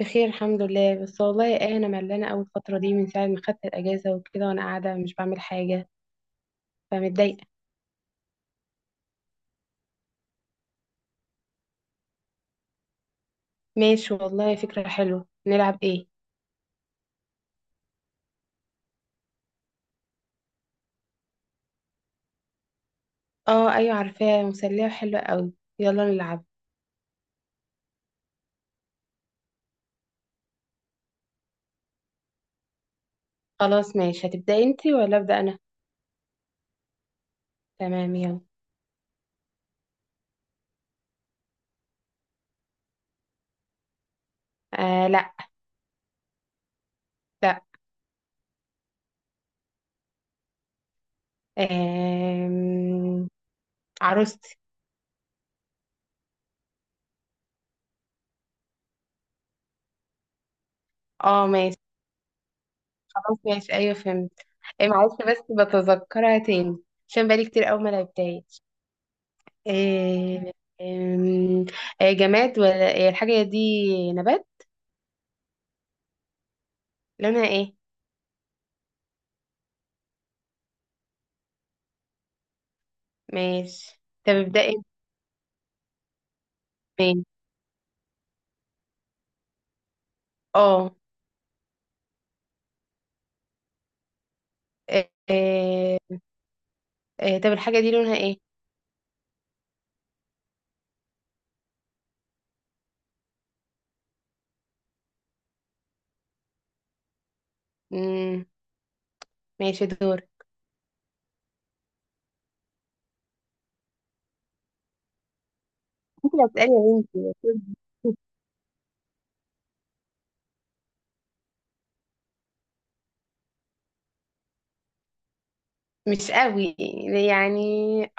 بخير الحمد لله. بس والله ايه، انا ملانه اول فتره دي، من ساعه ما خدت الاجازه وكده وانا قاعده مش بعمل حاجه، فمتضايقه. ماشي والله، فكره حلوه، نلعب ايه؟ اه ايوه، عارفاه، مسليه وحلوه قوي. يلا نلعب. خلاص ماشي، هتبداي انتي ولا ابدا انا؟ تمام يلا. لا. لا. آم... عروستي. اه ماشي. خلاص ماشي، ايوه فهمت. إيه، معلش بس بتذكرها تاني. عشان بقالي كتير قوي ما لعبتهاش. آه، آم، آه، جماد ولا الحاجة دي نبات؟ لونها ايه؟ ماشي. طب ابدأ انت. ماشي. اه. آه، آه، طب الحاجة دي لونها ايه؟ مم. ماشي دور. انت اللي هتسألي يا بنتي. مش قوي يعني.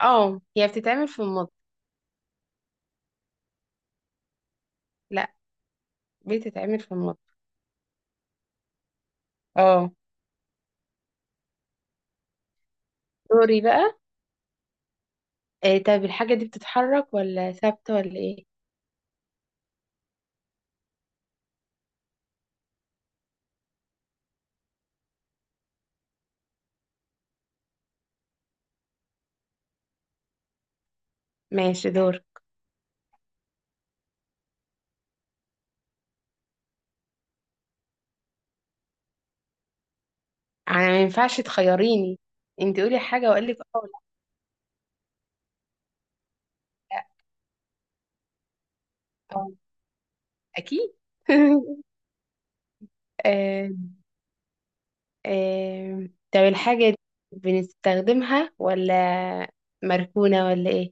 اه، هي بتتعمل في المطبخ. لا، بتتعمل في المطبخ. اه. دوري بقى. طب الحاجة دي بتتحرك ولا ثابتة ولا ايه؟ ماشي دور. انا ما ينفعش تخيريني، انت قولي حاجة واقول لك اه. آه، أكيد. آه، طب الحاجة دي بنستخدمها ولا مركونة ولا إيه؟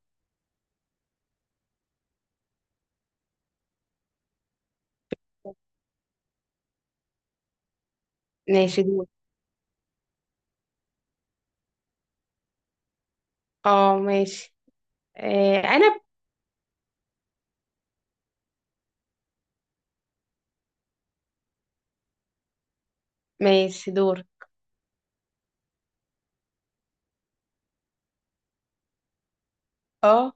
ماشي دور. اه ماشي. آه، أنا ب- ماشي دور. اه.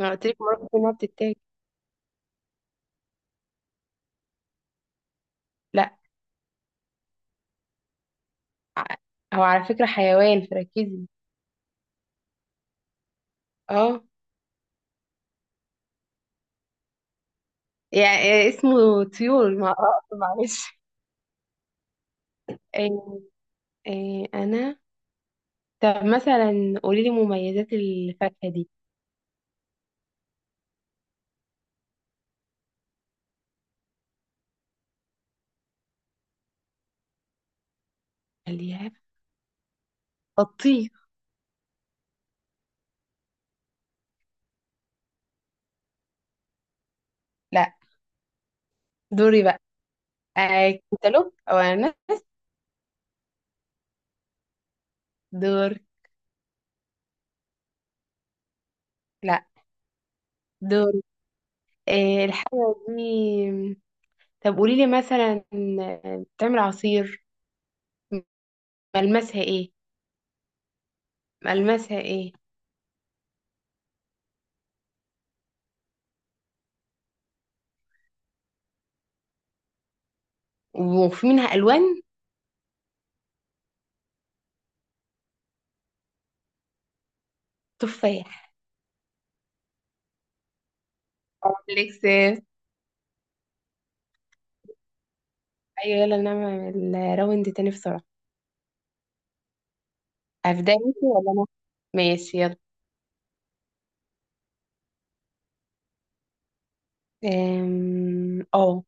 ما قلت لك مرة إنها بتتاكل؟ لا. ع- هو على فكرة حيوان، فركزي. اه. يعني اسمه طيور ما معلش. آه، آه، أنا طب مثلا قولي لي مميزات الفاكهة دي. خليها. الطيب. لا. دوري بقى. كنتالوب او انا. دور. لا. دور. آه الحاجة دي طب قولي لي مثلا، بتعمل عصير؟ ملمسها ايه؟ ملمسها ايه؟ وفي منها الوان؟ تفاح. ليكس ايوه. يلا نعمل راوند تاني بسرعة. هبدأ انتي ولا انا؟ ماشي يلا. اه.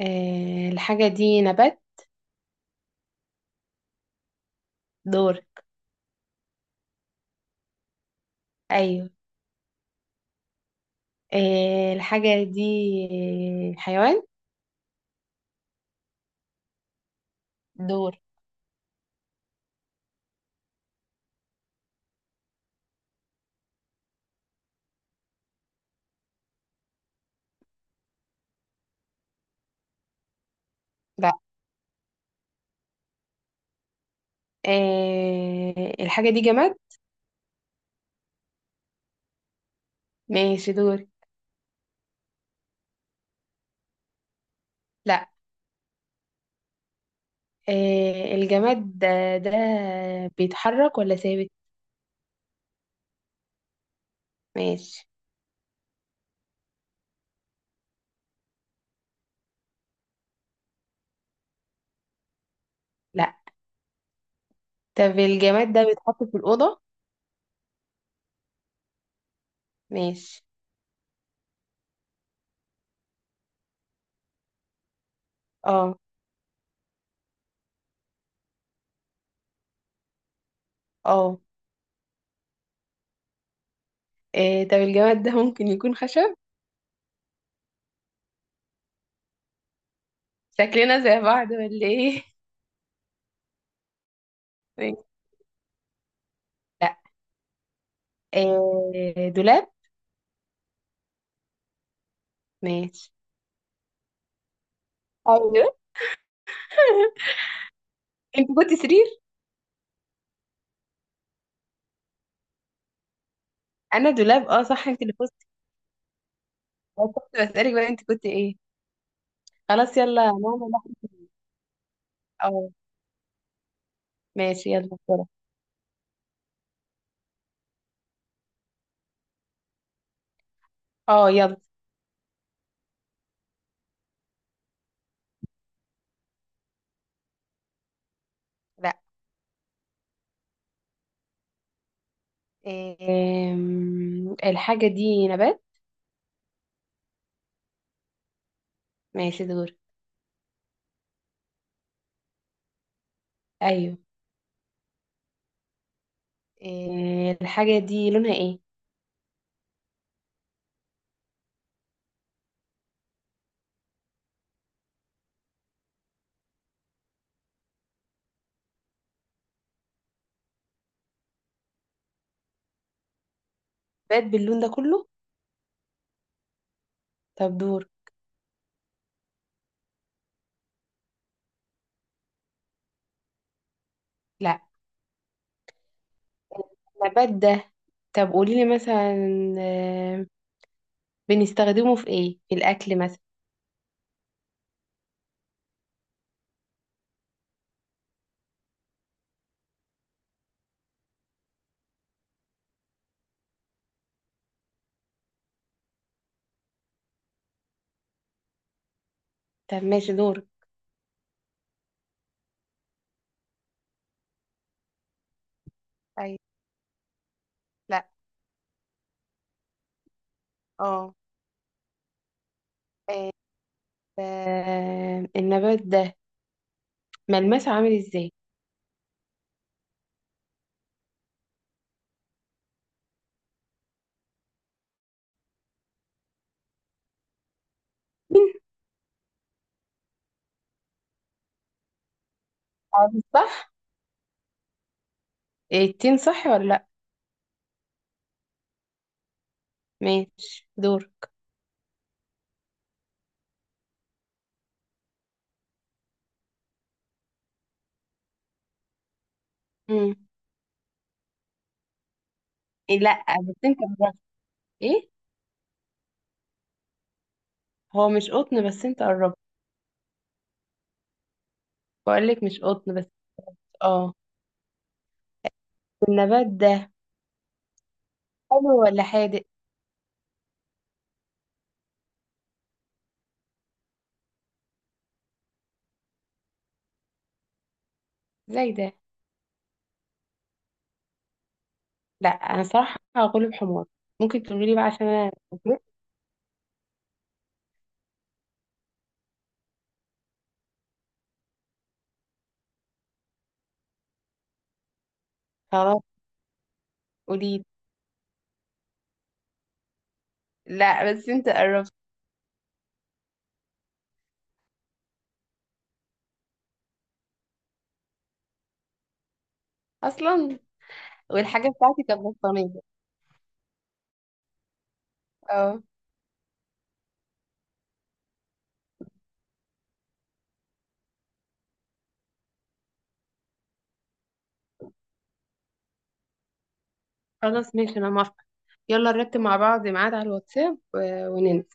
الحاجة دي نبات؟ دور. ايوه. الحاجة دي حيوان؟ دور. لا. الحاجة دي جماد؟ ماشي دوري. لا. الجماد ده بيتحرك ولا ثابت؟ ماشي. لا. طب الجماد ده بيتحط في الأوضة؟ ماشي. اه اه. طب الجماد ده ممكن يكون خشب؟ شكلنا زي بعض ولا ايه؟ ماشي. لا. دولاب؟ ماشي. اه دولاب. انت كنت سرير؟ انا دولاب، اه صح، انت اللي فزت. أنا كنت بسألك بقى، انت كنت ايه؟ خلاص يلا نعمل واحدة. اه. ماشي يلا بسرعة. اه يلا. لا. الحاجة دي نبات؟ ماشي دور. أيوه. الحاجة دي لونها إيه؟ نبات باللون ده كله؟ طب دور. لا. نبات ده. طب قوليلي مثلا، أم، بنستخدمه في إيه، في الأكل مثلا؟ طب ماشي دور. أيوه. لا. اه. أم، أم، النبات ده ملمسه عامل إزاي؟ تين. عامل صح؟ إيه، التين صح ولا لأ؟ ماشي دور. مم. إيه، لأ، بس أنت قربت. إيه. هو مش قطن، بس أنت قربت. بقولك مش قطن بس. اه. النبات ده حلو ولا حادق؟ زي ده. لا، انا صراحه هقوله بحمار. ممكن تقولي بقى عشان انا اتفقت؟ خلاص. قولي. لا بس انت قربت. اصلا. والحاجه بتاعتي كانت بطانيه. اه. خلاص ماشي، انا موافقه. يلا نرتب مع بعض ميعاد على الواتساب وننزل.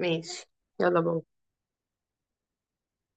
ماشي يلا باي.